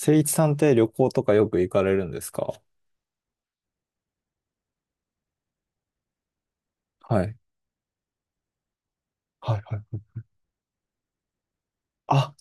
誠一さんって旅行とかよく行かれるんですか？はい。はいはい。あ、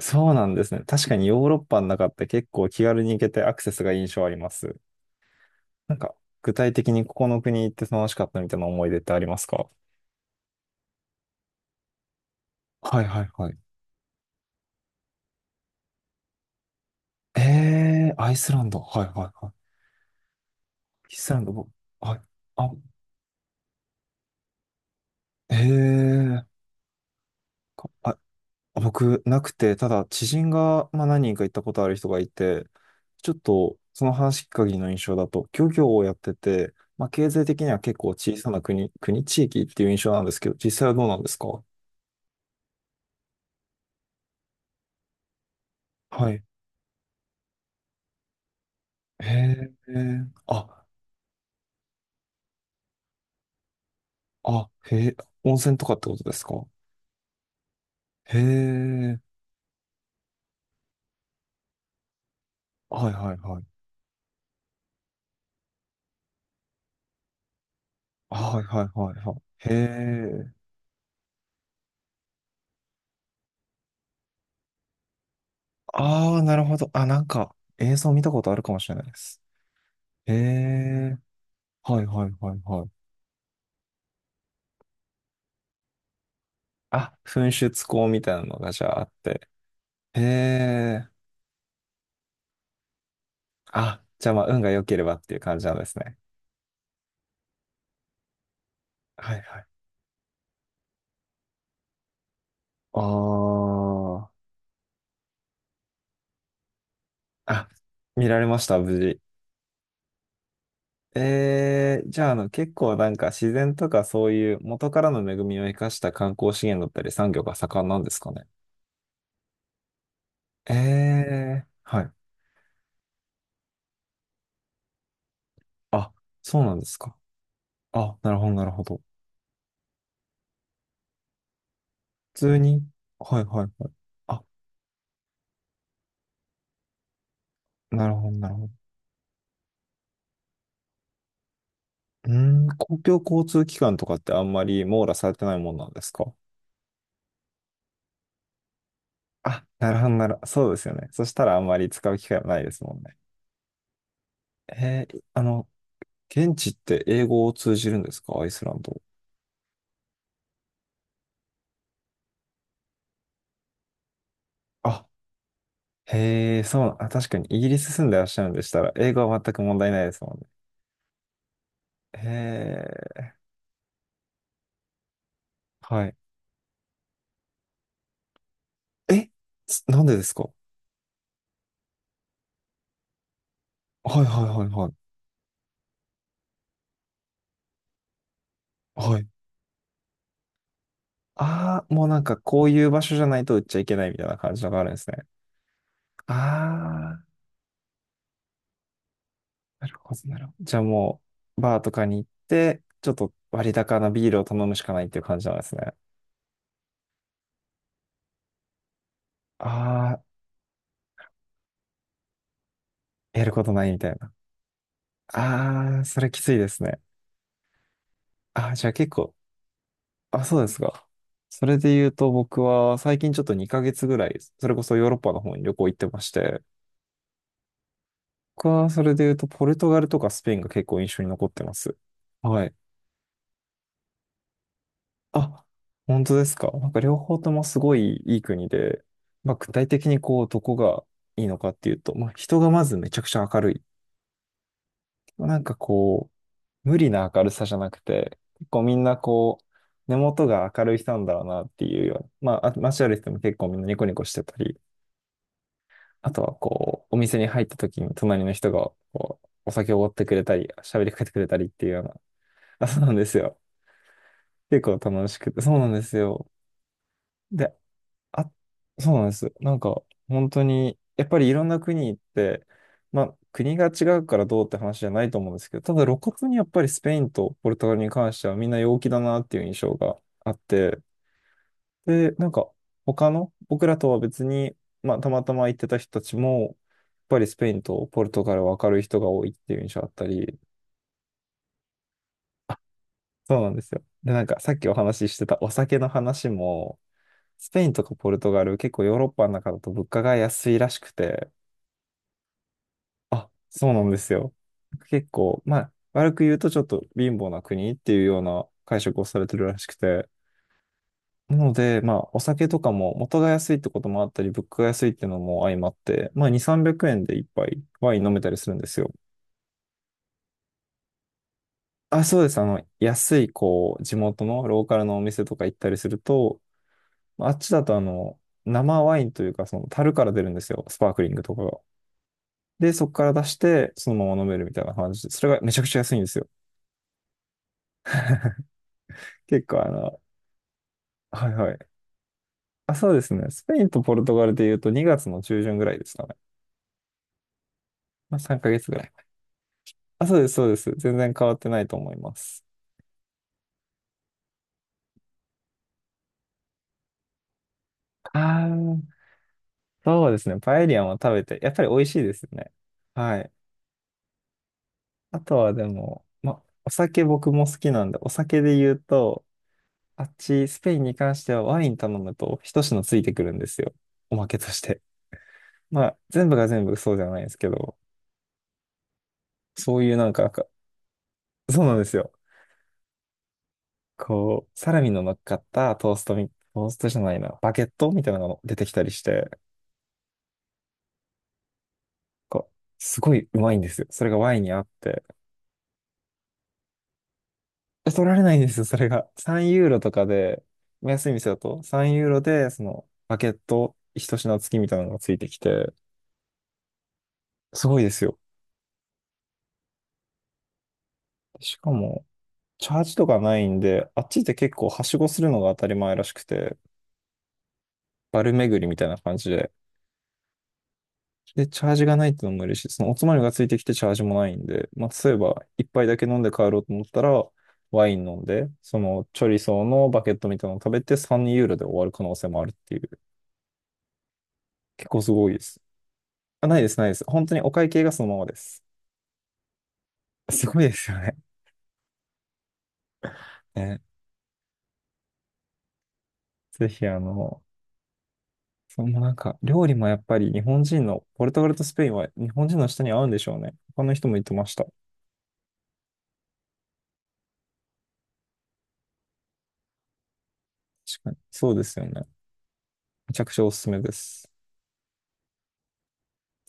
そうなんですね。確かにヨーロッパの中って結構気軽に行けてアクセスがいい印象あります。なんか、具体的にここの国行って楽しかったみたいな思い出ってありますか？はいはいはい。えー、アイスランド。はいはいはい。アイスランド、僕、はい。あ、ええ。かあ、僕、なくて、ただ、知人が、まあ、何人か行ったことある人がいて、ちょっと、その話聞く限りの印象だと、漁業をやってて、まあ、経済的には結構小さな国、地域っていう印象なんですけど、実際はどうなんですか？はい。へえ、あ、あ、へえ、温泉とかってことですか？へえ、はいはいはい。はいはいはいはい。へえ、ああ、なるほど。あ、なんか、映像見たことあるかもしれないです。へえ、はいはいはいはい。あ、噴出口みたいなのがじゃああって。へえ。あ、じゃあまあ運が良ければっていう感じなんですね。はいはい。ああ。あ、見られました、無事。えー、じゃあ、あの、結構なんか自然とかそういう元からの恵みを生かした観光資源だったり産業が盛んなんですかね。えー、はい。あ、そうなんですか。あ、なるほど、なるほど。普通に。はい、はい、はい。あ、なるほど、なるほど。うーん、公共交通機関とかってあんまり網羅されてないもんなんですか？あ、なるほど、なるほど。そうですよね。そしたらあんまり使う機会はないですもんね。えー、あの、現地って英語を通じるんですか？アイスランド。あ、へえ、そうな、あ、確かにイギリス住んでらっしゃるんでしたら、英語は全く問題ないですもんね。へえ、はい。え、なんでですか？はいはいはいはい。はい。ああ、もうなんかこういう場所じゃないと売っちゃいけないみたいな感じのがあるんですね。ああ。なるほど、なるほど。じゃあもう、バーとかに行って、ちょっと割高なビールを頼むしかないっていう感じなんですね。ああ、やることないみたいな。ああ、それきついですね。ああ、じゃあ結構、あ、そうですか。それで言うと僕は最近ちょっと2ヶ月ぐらい、それこそヨーロッパの方に旅行行ってまして、僕はそれで言うとポルトガルとかスペインが結構印象に残ってます。はい。あ、本当ですか。なんか両方ともすごいいい国で、まあ具体的にこう、どこがいいのかっていうと、まあ人がまずめちゃくちゃ明るい。なんかこう、無理な明るさじゃなくて、結構みんなこう、根元が明るい人なんだろうなっていうような。まあ、あ、街歩いてても結構みんなニコニコしてたり、あとはこう、お店に入った時に隣の人がこう、お酒をおごってくれたり、喋りかけてくれたりっていうような。あ、そうなんですよ。結構楽しくて。そうなんですよ。で、あ、そうなんです。なんか、本当に、やっぱりいろんな国行って、まあ、国が違うからどうって話じゃないと思うんですけど、ただ露骨にやっぱりスペインとポルトガルに関してはみんな陽気だなっていう印象があって、で、なんか、他の、僕らとは別に、まあ、たまたま行ってた人たちも、やっぱりスペインとポルトガルは明るい人が多いっていう印象あったり、そうなんですよ。で、なんか、さっきお話ししてたお酒の話も、スペインとかポルトガル、結構ヨーロッパの中だと物価が安いらしくて、あ、そうなんですよ。結構、まあ、悪く言うとちょっと貧乏な国っていうような解釈をされてるらしくて。なので、まあ、お酒とかも元が安いってこともあったり、物価が安いっていうのも相まって、まあ、2、300円で一杯ワイン飲めたりするんですよ。あ、そうです。あの、安い、こう、地元のローカルのお店とか行ったりすると、まああっちだと、あの、生ワインというか、その、樽から出るんですよ。スパークリングとかが。で、そこから出して、そのまま飲めるみたいな感じで、それがめちゃくちゃ安いんですよ。結構あの、はいはい。あ、そうですね。スペインとポルトガルで言うと2月の中旬ぐらいですかね。まあ3ヶ月ぐらい。あ、そうです、そうです。全然変わってないと思います。ああ、そうですね。パエリアも食べて、やっぱり美味しいですよね。はい。あとはでも、ま、お酒僕も好きなんで、お酒で言うと、あっち、スペインに関してはワイン頼むと一品ついてくるんですよ。おまけとして。まあ、全部が全部そうじゃないんですけど、そういうなんか、そうなんですよ。こう、サラミの乗っかったトーストじゃないな、バゲットみたいなのが出てきたりして、こう、すごいうまいんですよ。それがワインに合って。え、取られないんですよ、それが。3ユーロとかで、安い店だと3ユーロで、その、バゲット一品付きみたいなのがついてきて、すごいですよ。しかも、チャージとかないんで、あっちって結構はしごするのが当たり前らしくて、バル巡りみたいな感じで、で、チャージがないってのも嬉しい。そのおつまみがついてきてチャージもないんで、まあ、例えば、一杯だけ飲んで帰ろうと思ったら、ワイン飲んで、そのチョリソーのバケットみたいなのを食べて3ユーロで終わる可能性もあるっていう。結構すごいです。あ、ないです、ないです。本当にお会計がそのままです。すごいですよね。ね。ぜひ、あの、そのなんか、料理もやっぱり日本人の、ポルトガルとスペインは日本人の舌に合うんでしょうね。他の人も言ってました。確かに。そうですよね。めちゃくちゃおすすめです。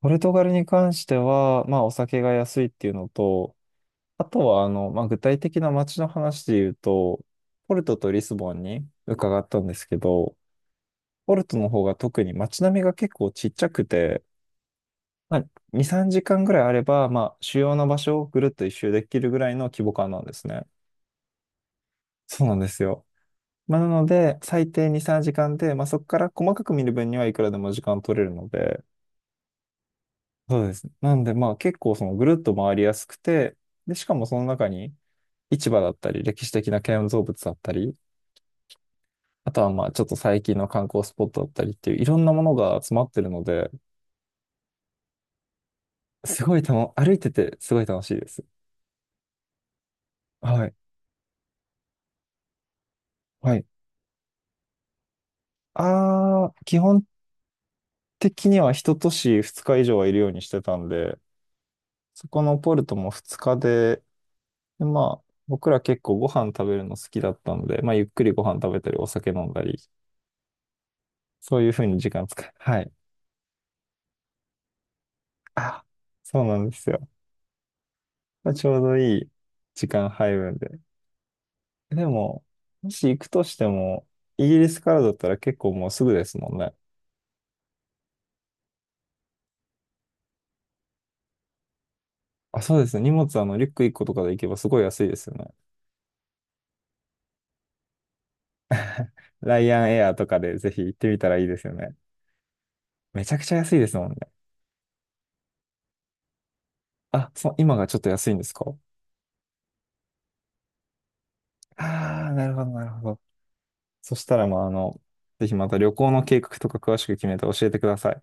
ポルトガルに関しては、まあ、お酒が安いっていうのと、あとは、あの、まあ、具体的な街の話で言うと、ポルトとリスボンに伺ったんですけど、ポルトの方が特に街並みが結構ちっちゃくて、まあ、2、3時間ぐらいあれば、まあ、主要な場所をぐるっと一周できるぐらいの規模感なんですね。そうなんですよ。まあ、なので、最低2、3時間で、まあ、そこから細かく見る分にはいくらでも時間取れるので、そうです。なんで、まあ結構そのぐるっと回りやすくて、で、しかもその中に市場だったり、歴史的な建造物だったり、あとはまあちょっと最近の観光スポットだったりっていういろんなものが詰まってるので、すごい歩いててすごい楽しいです。はい。はい。ああ、基本的には一都市二日以上はいるようにしてたんで、そこのポルトも二日で、でまあ僕ら結構ご飯食べるの好きだったので、まあゆっくりご飯食べたりお酒飲んだり、そういうふうに時間使い、はい。あ、そうなんですよ。ちょうどいい時間配分で。でも、もし行くとしても、イギリスからだったら結構もうすぐですもんね。あ、そうですね。荷物、あの、リュック1個とかで行けばすごい安いですよね。ライアンエアとかでぜひ行ってみたらいいですよね。めちゃくちゃ安いですもんね。あ、そう、今がちょっと安いんですか？ああー、なるほど、なるほど。そしたらまああの、ぜひまた旅行の計画とか詳しく決めて教えてください。